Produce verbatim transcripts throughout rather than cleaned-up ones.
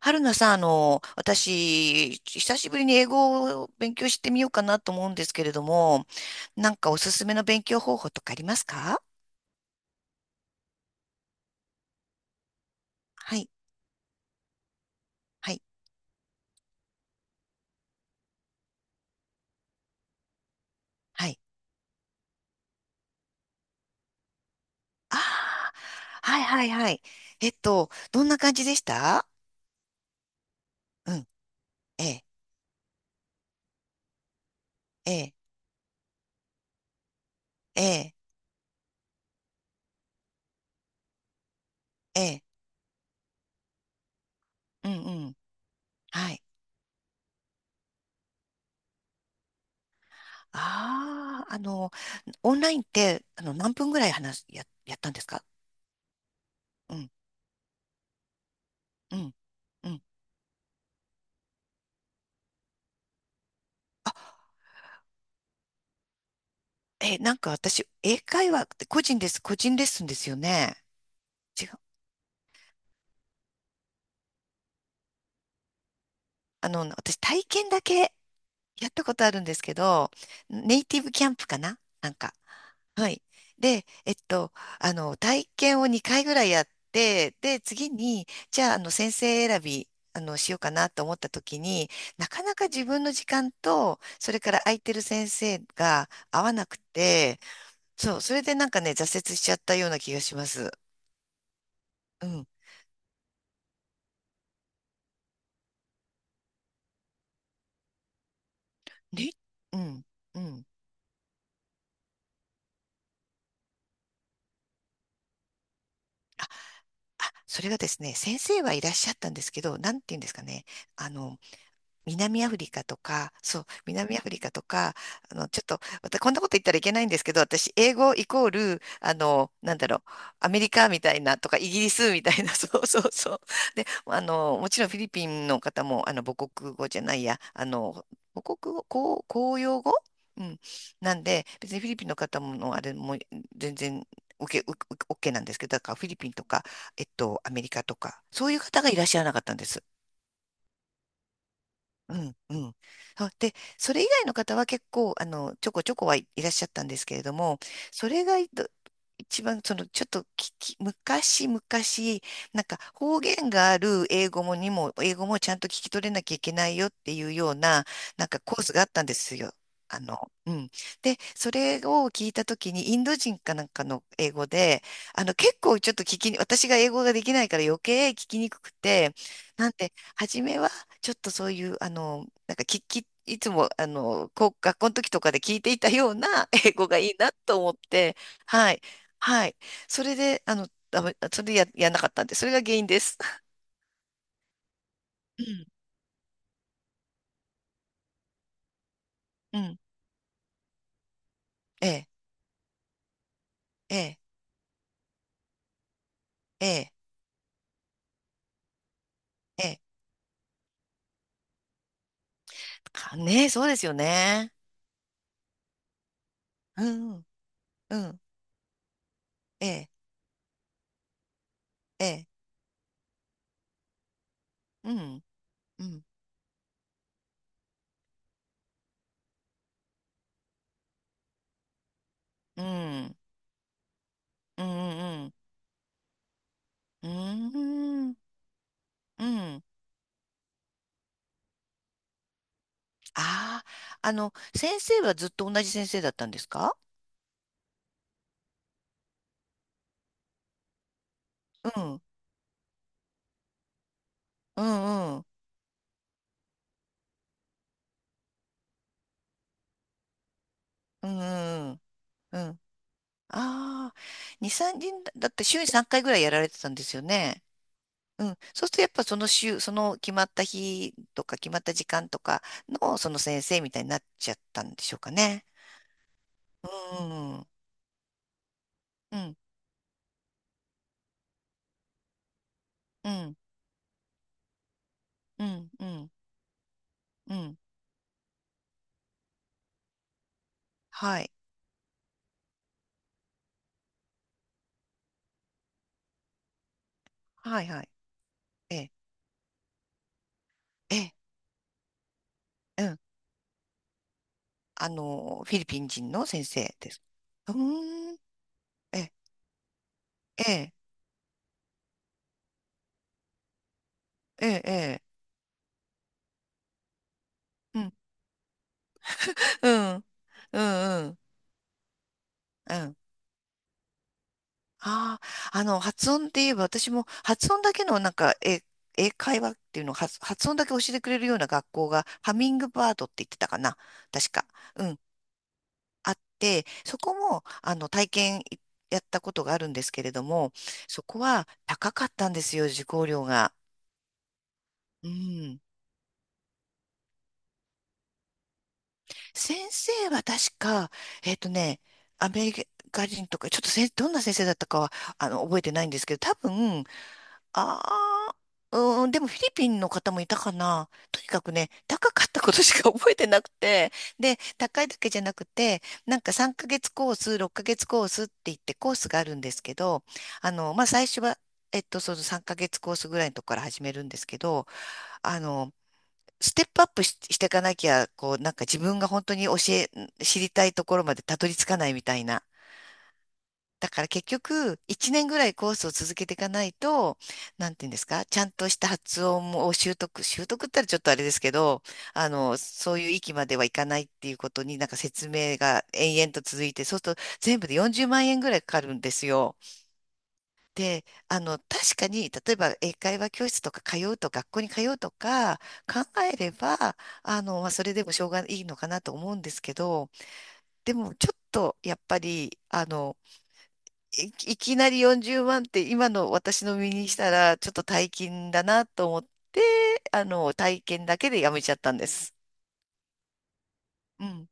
春菜さん、あの、私、久しぶりに英語を勉強してみようかなと思うんですけれども、なんかおすすめの勉強方法とかありますか？はい、はい、はい。ああ、はい、はい、はい。えっと、どんな感じでした？うん、ええ、ええ、ええ、ええ、うん、うん、はい。ああ、あの、オンラインって、あの、何分ぐらい話す、や、やったんですか？うん、うん、うん。え、なんか私、英会話って個人です、個人レッスンですよね。違う。あの、私体験だけやったことあるんですけど、ネイティブキャンプかななんか。はい。で、えっと、あの、体験をにかいぐらいやって、で、次に、じゃあ、あの、先生選び、あの、しようかなと思った時に、なかなか自分の時間と、それから空いてる先生が合わなくて、そう、それでなんかね、挫折しちゃったような気がします。うん。ね、うん、うん。あ、それがですね、先生はいらっしゃったんですけど、なんて言うんですかね。あの、南アフリカとか、そう、南アフリカとか、あの、ちょっと、またこんなこと言ったらいけないんですけど、私、英語イコール、あの、なんだろう、アメリカみたいなとか、イギリスみたいな、そうそうそう。で、あの、もちろんフィリピンの方も、あの、母国語じゃないや、あの、母国語、公、公用語。うん。なんで、別にフィリピンの方もの、あれも全然、受け、受け、OK なんですけど、だからフィリピンとか、えっと、アメリカとか、そういう方がいらっしゃらなかったんです。うん、うん。あ、で、それ以外の方は結構、あの、ちょこちょこ、はい、いらっしゃったんですけれども、それがいど一番、その、ちょっときき昔々、なんか方言がある英語もにも、英語もちゃんと聞き取れなきゃいけないよっていうような、なんかコースがあったんですよ。あの、うん。で、それを聞いたときに、インド人かなんかの英語で、あの、結構ちょっと聞きに、私が英語ができないから余計聞きにくくて、なんで、初めは、ちょっとそういう、あの、なんか聞き、いつも、あの、こう、学校の時とかで聞いていたような 英語がいいなと思って、はい、はい。それで、あの、ダメそれでや、やんなかったんで、それが原因です。うん、うん、ええ、ええ、ええ、ええ。かねえ、そうですよね。うん、うん、ええ、ええ、うん、うん、うん、うん、うん、うん、うん。ああ、あの、先生はずっと同じ先生だったんですか？うん。うんうん。うんうんうんうん。ああ、に、さんにんだ、だって週にさんかいぐらいやられてたんですよね。うん。そうするとやっぱその週、その決まった日とか決まった時間とかのその先生みたいになっちゃったんでしょうかね。うんうんうん。うんうんうんうん。はん、はい、はい。ええ。ええ。うん。あの、フィリピン人の先生です。うーん。ええ。ええ。ええ。ええ、うん。うん。うんうん。うん。ああ、あの、発音って言えば、私も発音だけのなんか、え、英会話っていうのを発、発音だけ教えてくれるような学校が、ハミングバードって言ってたかな、確か。うん、あって、そこも、あの、体験いやったことがあるんですけれども、そこは高かったんですよ、受講料が。うん。先生は確か、えっとね、アメリカ人とか、ちょっとせん、どんな先生だったかは、あの、覚えてないんですけど、多分、ああ、うーん、でもフィリピンの方もいたかな。とにかくね、高かったことしか 覚えてなくて、で、高いだけじゃなくて、なんかさんかげつコース、ろっかげつコースって言ってコースがあるんですけど、あの、まあ、最初は、えっと、そのさんかげつコースぐらいのとこから始めるんですけど、あの、ステップアップし、していかなきゃ、こう、なんか自分が本当に教え、知りたいところまでたどり着かないみたいな。だから結局、いちねんぐらいコースを続けていかないと、なんていうんですか、ちゃんとした発音を習得、習得ったらちょっとあれですけど、あの、そういう域まではいかないっていうことになんか説明が延々と続いて、そうすると全部でよんじゅうまん円ぐらいかかるんですよ。で、あの、確かに、例えば英会話教室とか通うと、学校に通うとか考えれば、あの、まあ、それでもしょうがいいのかなと思うんですけど、でもちょっとやっぱり、あの、い、いきなりよんじゅうまんって今の私の身にしたらちょっと大金だなと思って、あの、体験だけでやめちゃったんです。うん。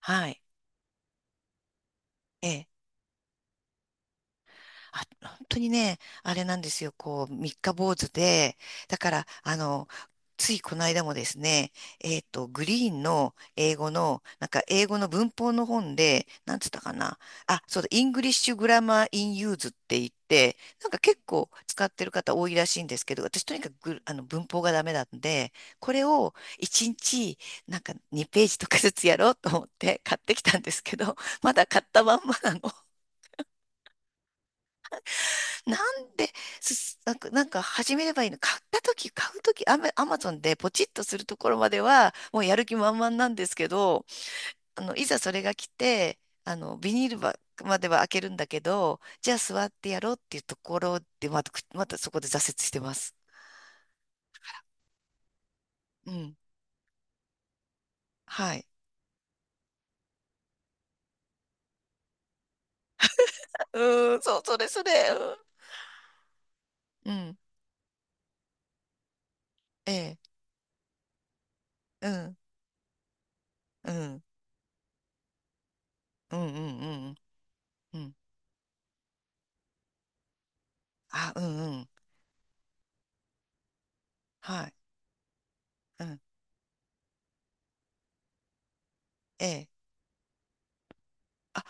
はい。ええ、あ、本当にね、あれなんですよ、こう、三日坊主で、だから、あの、ついこの間もですね、えっと、グリーンの英語の、なんか英語の文法の本で、なんつったかな、あ、そうだ、イングリッシュグラマーインユーズって言って、なんか結構使ってる方多いらしいんですけど、私とにかくグあの文法がダメなんで、これをいちにち、なんかにページとかずつやろうと思って買ってきたんですけど、まだ買ったまんまなの。なんで、すなんか、なんか始めればいいの買った時買う時、アマ、アマゾンでポチッとするところまでは、もうやる気満々なんですけど、あの、いざそれが来て、あの、ビニールばまでは開けるんだけど、じゃあ座ってやろうっていうところで、また、くまたそこで挫折してます。うん。はい。うん、そう、それそれ。うん。うん、ええ。うん。うん。うん。うん。うん。うん。あ、うん。うん。はい。うん。ええ。あ、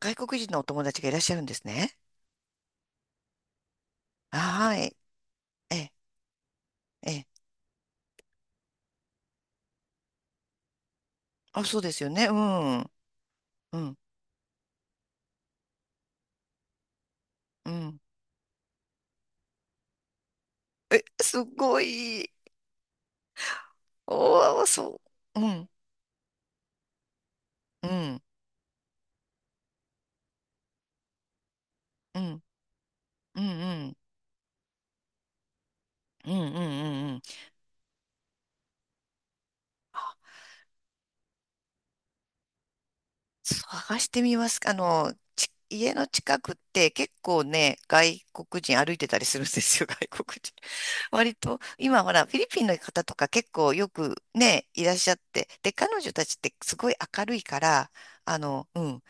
外国人のお友達がいらっしゃるんですね。はい。ええ、ええ。あ、そうですよね。うん。うん。うん。え、すごい。おお、そう。うん。うん。うん。うん。うん。うん。うん。うんうん。探してみます。あの、ち、家の近くって結構ね、外国人歩いてたりするんですよ、外国人。割と、今ほら、フィリピンの方とか結構よくね、いらっしゃって。で、彼女たちってすごい明るいから、あの、うん。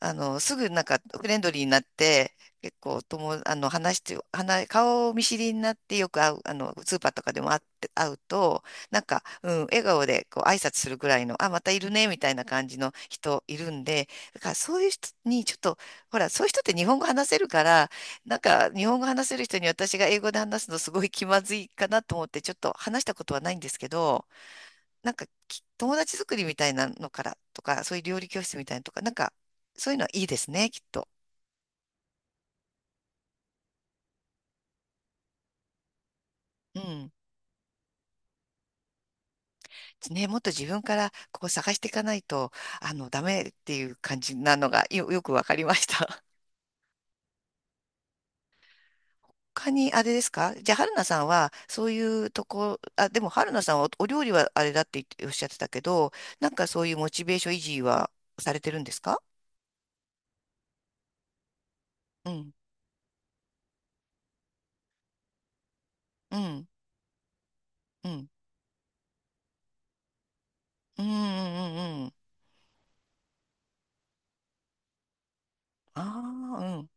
あの、すぐなんかフレンドリーになって、結構とも、あの、話して、話、顔見知りになってよく会う、あの、スーパーとかでも会って、会うと、なんか、うん、笑顔でこう挨拶するぐらいの、あ、またいるね、みたいな感じの人いるんで、だからそういう人にちょっと、ほら、そういう人って日本語話せるから、なんか、日本語話せる人に私が英語で話すのすごい気まずいかなと思って、ちょっと話したことはないんですけど、なんかき友達作りみたいなのからとか、そういう料理教室みたいなのとか、なんかそういうのはいいですね、きっと。うん。ね、もっと自分からこう探していかないと、あの、ダメっていう感じなのがよ、よくわかりました。他にあれですか、じゃあ、春菜さんは、そういうとこ、あ、でも春菜さんはお、お料理はあれだって言っておっしゃってたけど、なんかそういうモチベーション維持はされてるんですか？うん、うん、うん、うん、うん、うん。うん、ああー、うん。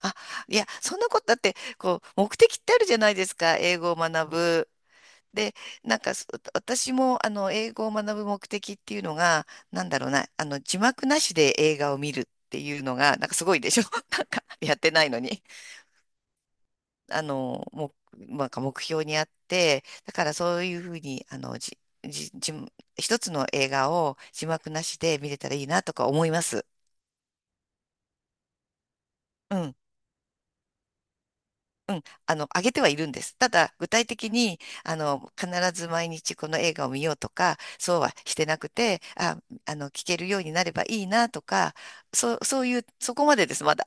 あ、いや、そんなことだって、こう、目的ってあるじゃないですか、英語を学ぶ。で、なんか、そ私も、あの、英語を学ぶ目的っていうのが、なんだろうな、あの、字幕なしで映画を見るっていうのが、なんかすごいでしょ なんか、やってないのに。あの、もう、なんか目標にあって、だからそういうふうに、あの、じ、じ、じ、一つの映画を字幕なしで見れたらいいなとか思います。うん。うん、あの、上げてはいるんです。ただ、具体的に、あの、必ず毎日この映画を見ようとか、そうはしてなくて、あ、あの、聞けるようになればいいなとか、そう、そういう、そこまでです、まだ。